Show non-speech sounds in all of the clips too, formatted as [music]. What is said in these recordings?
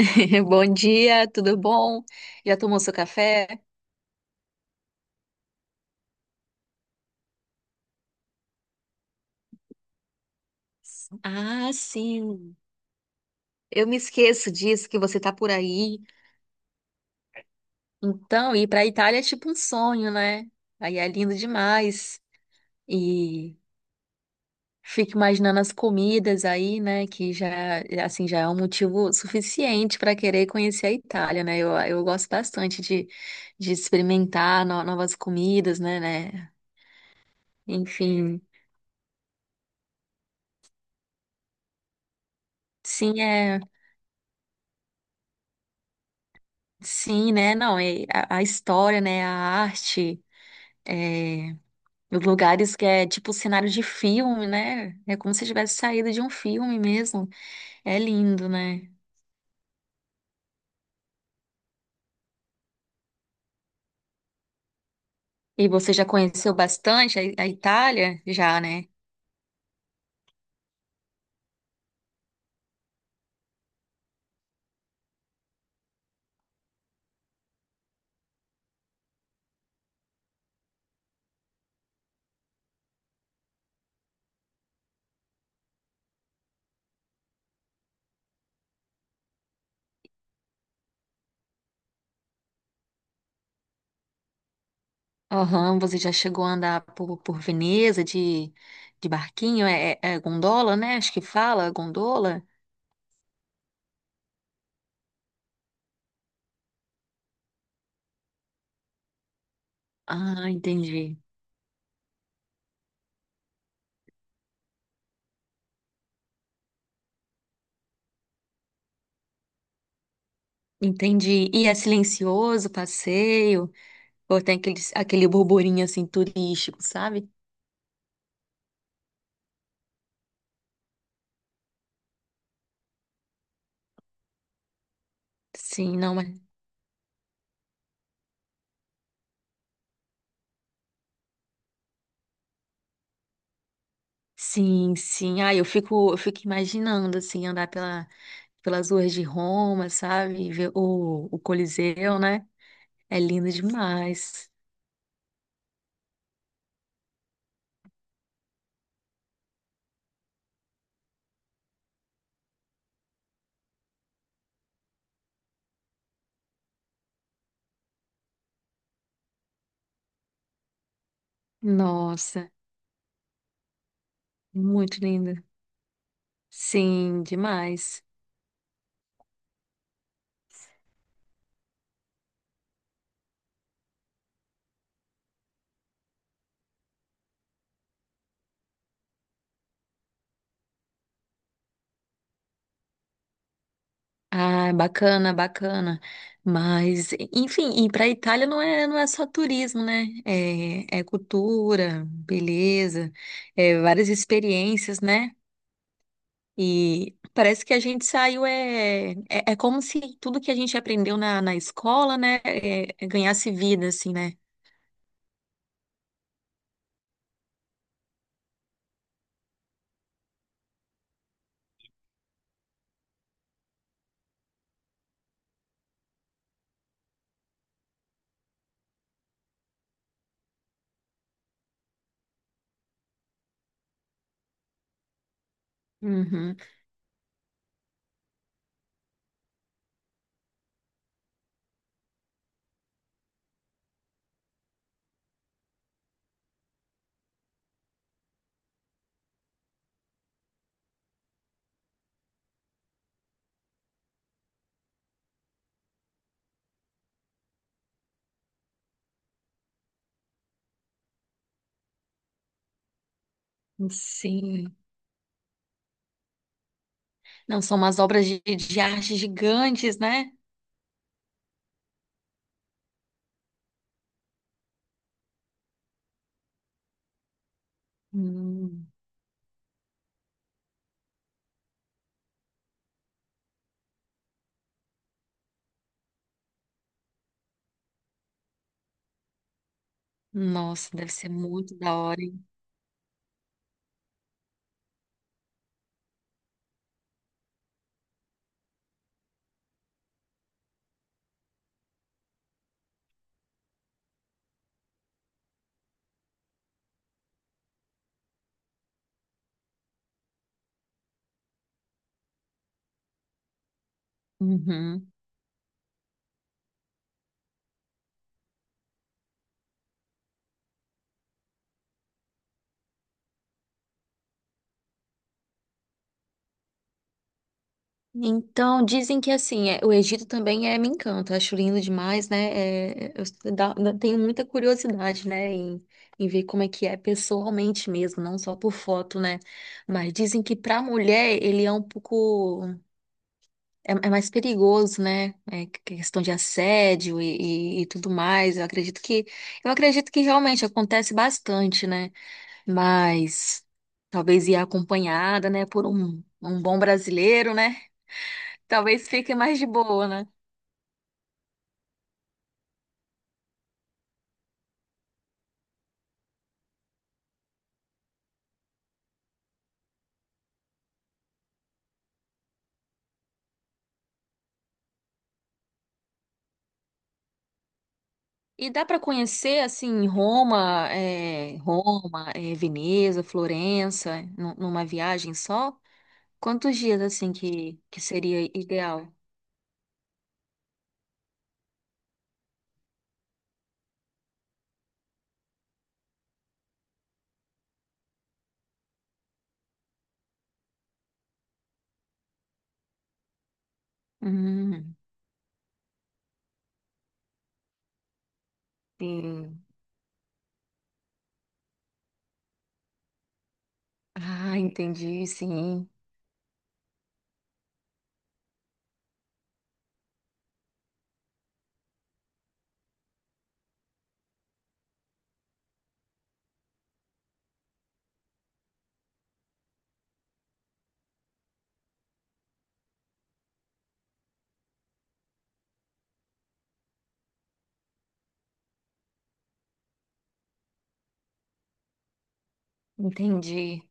[laughs] Bom dia, tudo bom? Já tomou seu café? Ah, sim. Eu me esqueço disso que você tá por aí. Então, ir pra Itália é tipo um sonho, né? Aí é lindo demais. E fico imaginando as comidas aí, né? Que já, assim, já é um motivo suficiente para querer conhecer a Itália, né? Eu gosto bastante de experimentar novas comidas, né, né? Enfim, sim, é. Sim, né? Não, e a história, né? A arte, é, os lugares que é tipo cenário de filme, né? É como se tivesse saído de um filme mesmo. É lindo, né? E você já conheceu bastante a Itália? Já, né? Aham, você já chegou a andar por Veneza de barquinho? É, é gondola, né? Acho que fala, gondola. Ah, entendi. Entendi. E é silencioso o passeio? Ou tem aquele burburinho assim turístico, sabe? Sim, não, mas sim, sim. Ah, eu fico imaginando assim andar pela, pelas ruas de Roma, sabe? E ver o Coliseu, né? É lindo demais. Nossa, muito lindo. Sim, demais. Ah, bacana, bacana. Mas, enfim, e para a Itália não é, não é só turismo, né? É, é cultura, beleza, é várias experiências, né? E parece que a gente saiu, é, é, é como se tudo que a gente aprendeu na, na escola, né, é ganhasse vida, assim, né? Uhum. Sim. Não, são umas obras de arte gigantes, né? Hum. Nossa, deve ser muito da hora, hein? Uhum. Então, dizem que assim, o Egito também é, me encanta, acho lindo demais, né? É, eu tenho muita curiosidade, né, em, em ver como é que é pessoalmente mesmo, não só por foto, né? Mas dizem que para mulher ele é um pouco, é, é mais perigoso, né? É questão de assédio e tudo mais. Eu acredito que realmente acontece bastante, né? Mas talvez ir acompanhada, né, por um, um bom brasileiro, né? Talvez fique mais de boa, né? E dá para conhecer, assim, Roma, é, Veneza, Florença, numa viagem só? Quantos dias, assim, que seria ideal? Hum, sim. Ah, entendi, sim. Entendi,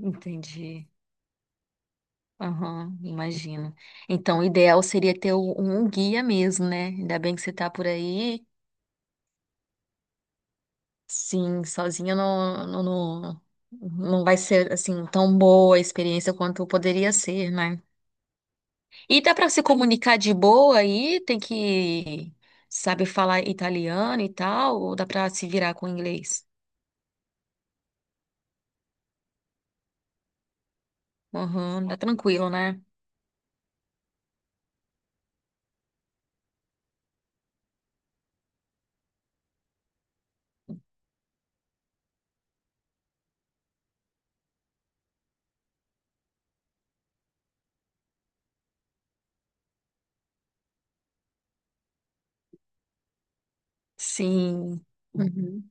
entendi. Aham, imagino. Então, o ideal seria ter um guia mesmo, né? Ainda bem que você tá por aí. Sim, sozinha não, não, não, não vai ser assim tão boa a experiência quanto poderia ser, né? E dá para se comunicar de boa aí? Tem que saber falar italiano e tal, ou dá para se virar com inglês? Aham, dá tranquilo, né? Sim. Uhum.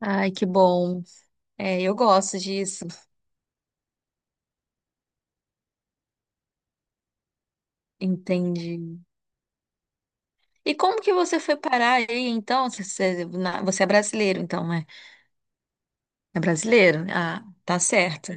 Ai, que bom. É, eu gosto disso. Entendi. E como que você foi parar aí, então? Você, você é brasileiro, então, né? É brasileiro? Ah, tá certo.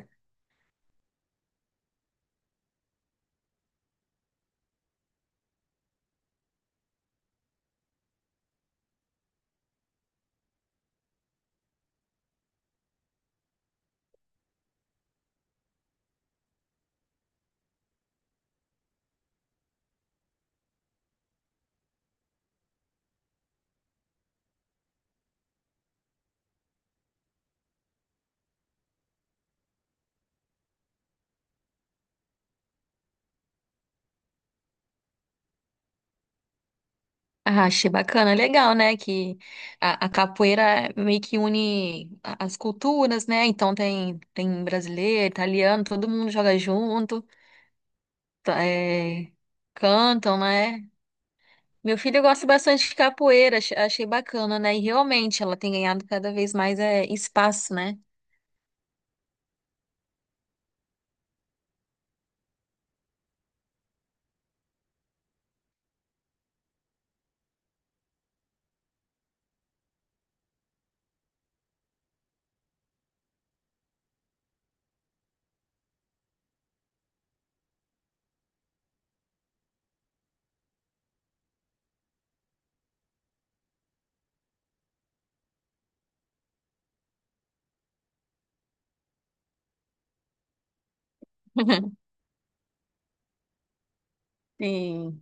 Ah, achei bacana, legal, né? Que a capoeira meio que une as culturas, né? Então tem, tem brasileiro, italiano, todo mundo joga junto, tá, é, cantam, né? Meu filho gosta bastante de capoeira, achei bacana, né? E realmente ela tem ganhado cada vez mais é, espaço, né? [laughs] Sim.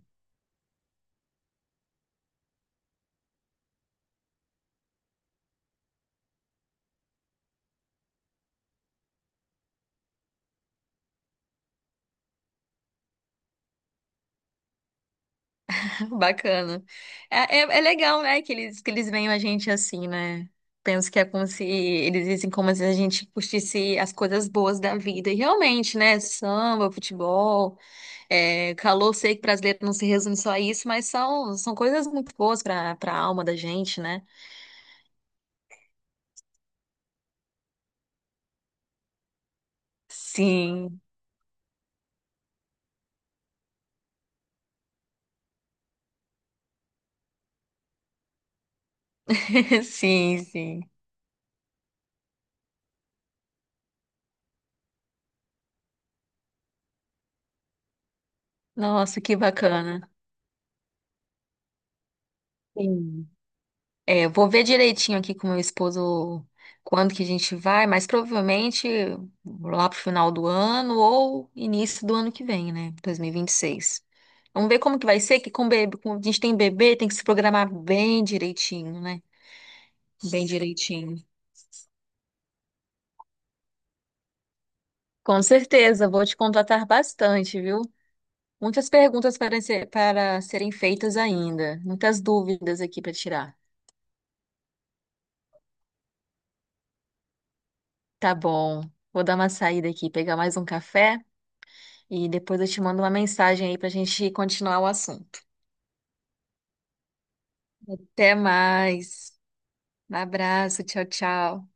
Bacana. É, é, é legal, né, que eles veem a gente assim, né? Penso que é como se eles dizem como se a gente curtisse as coisas boas da vida. E realmente, né? Samba, futebol, é, calor, sei que brasileiro não se resume só a isso, mas são, são coisas muito boas para para a alma da gente, né? Sim, [laughs] sim, sim. Nossa, que bacana. Sim. É, eu vou ver direitinho aqui com meu esposo quando que a gente vai, mas provavelmente lá pro final do ano ou início do ano que vem, né? 2026. Vamos ver como que vai ser, que com bebê, a gente tem bebê, tem que se programar bem direitinho, né? Bem direitinho. Com certeza, vou te contratar bastante, viu? Muitas perguntas para para serem feitas ainda, muitas dúvidas aqui para tirar. Tá bom. Vou dar uma saída aqui, pegar mais um café. E depois eu te mando uma mensagem aí pra gente continuar o assunto. Até mais. Um abraço, tchau, tchau.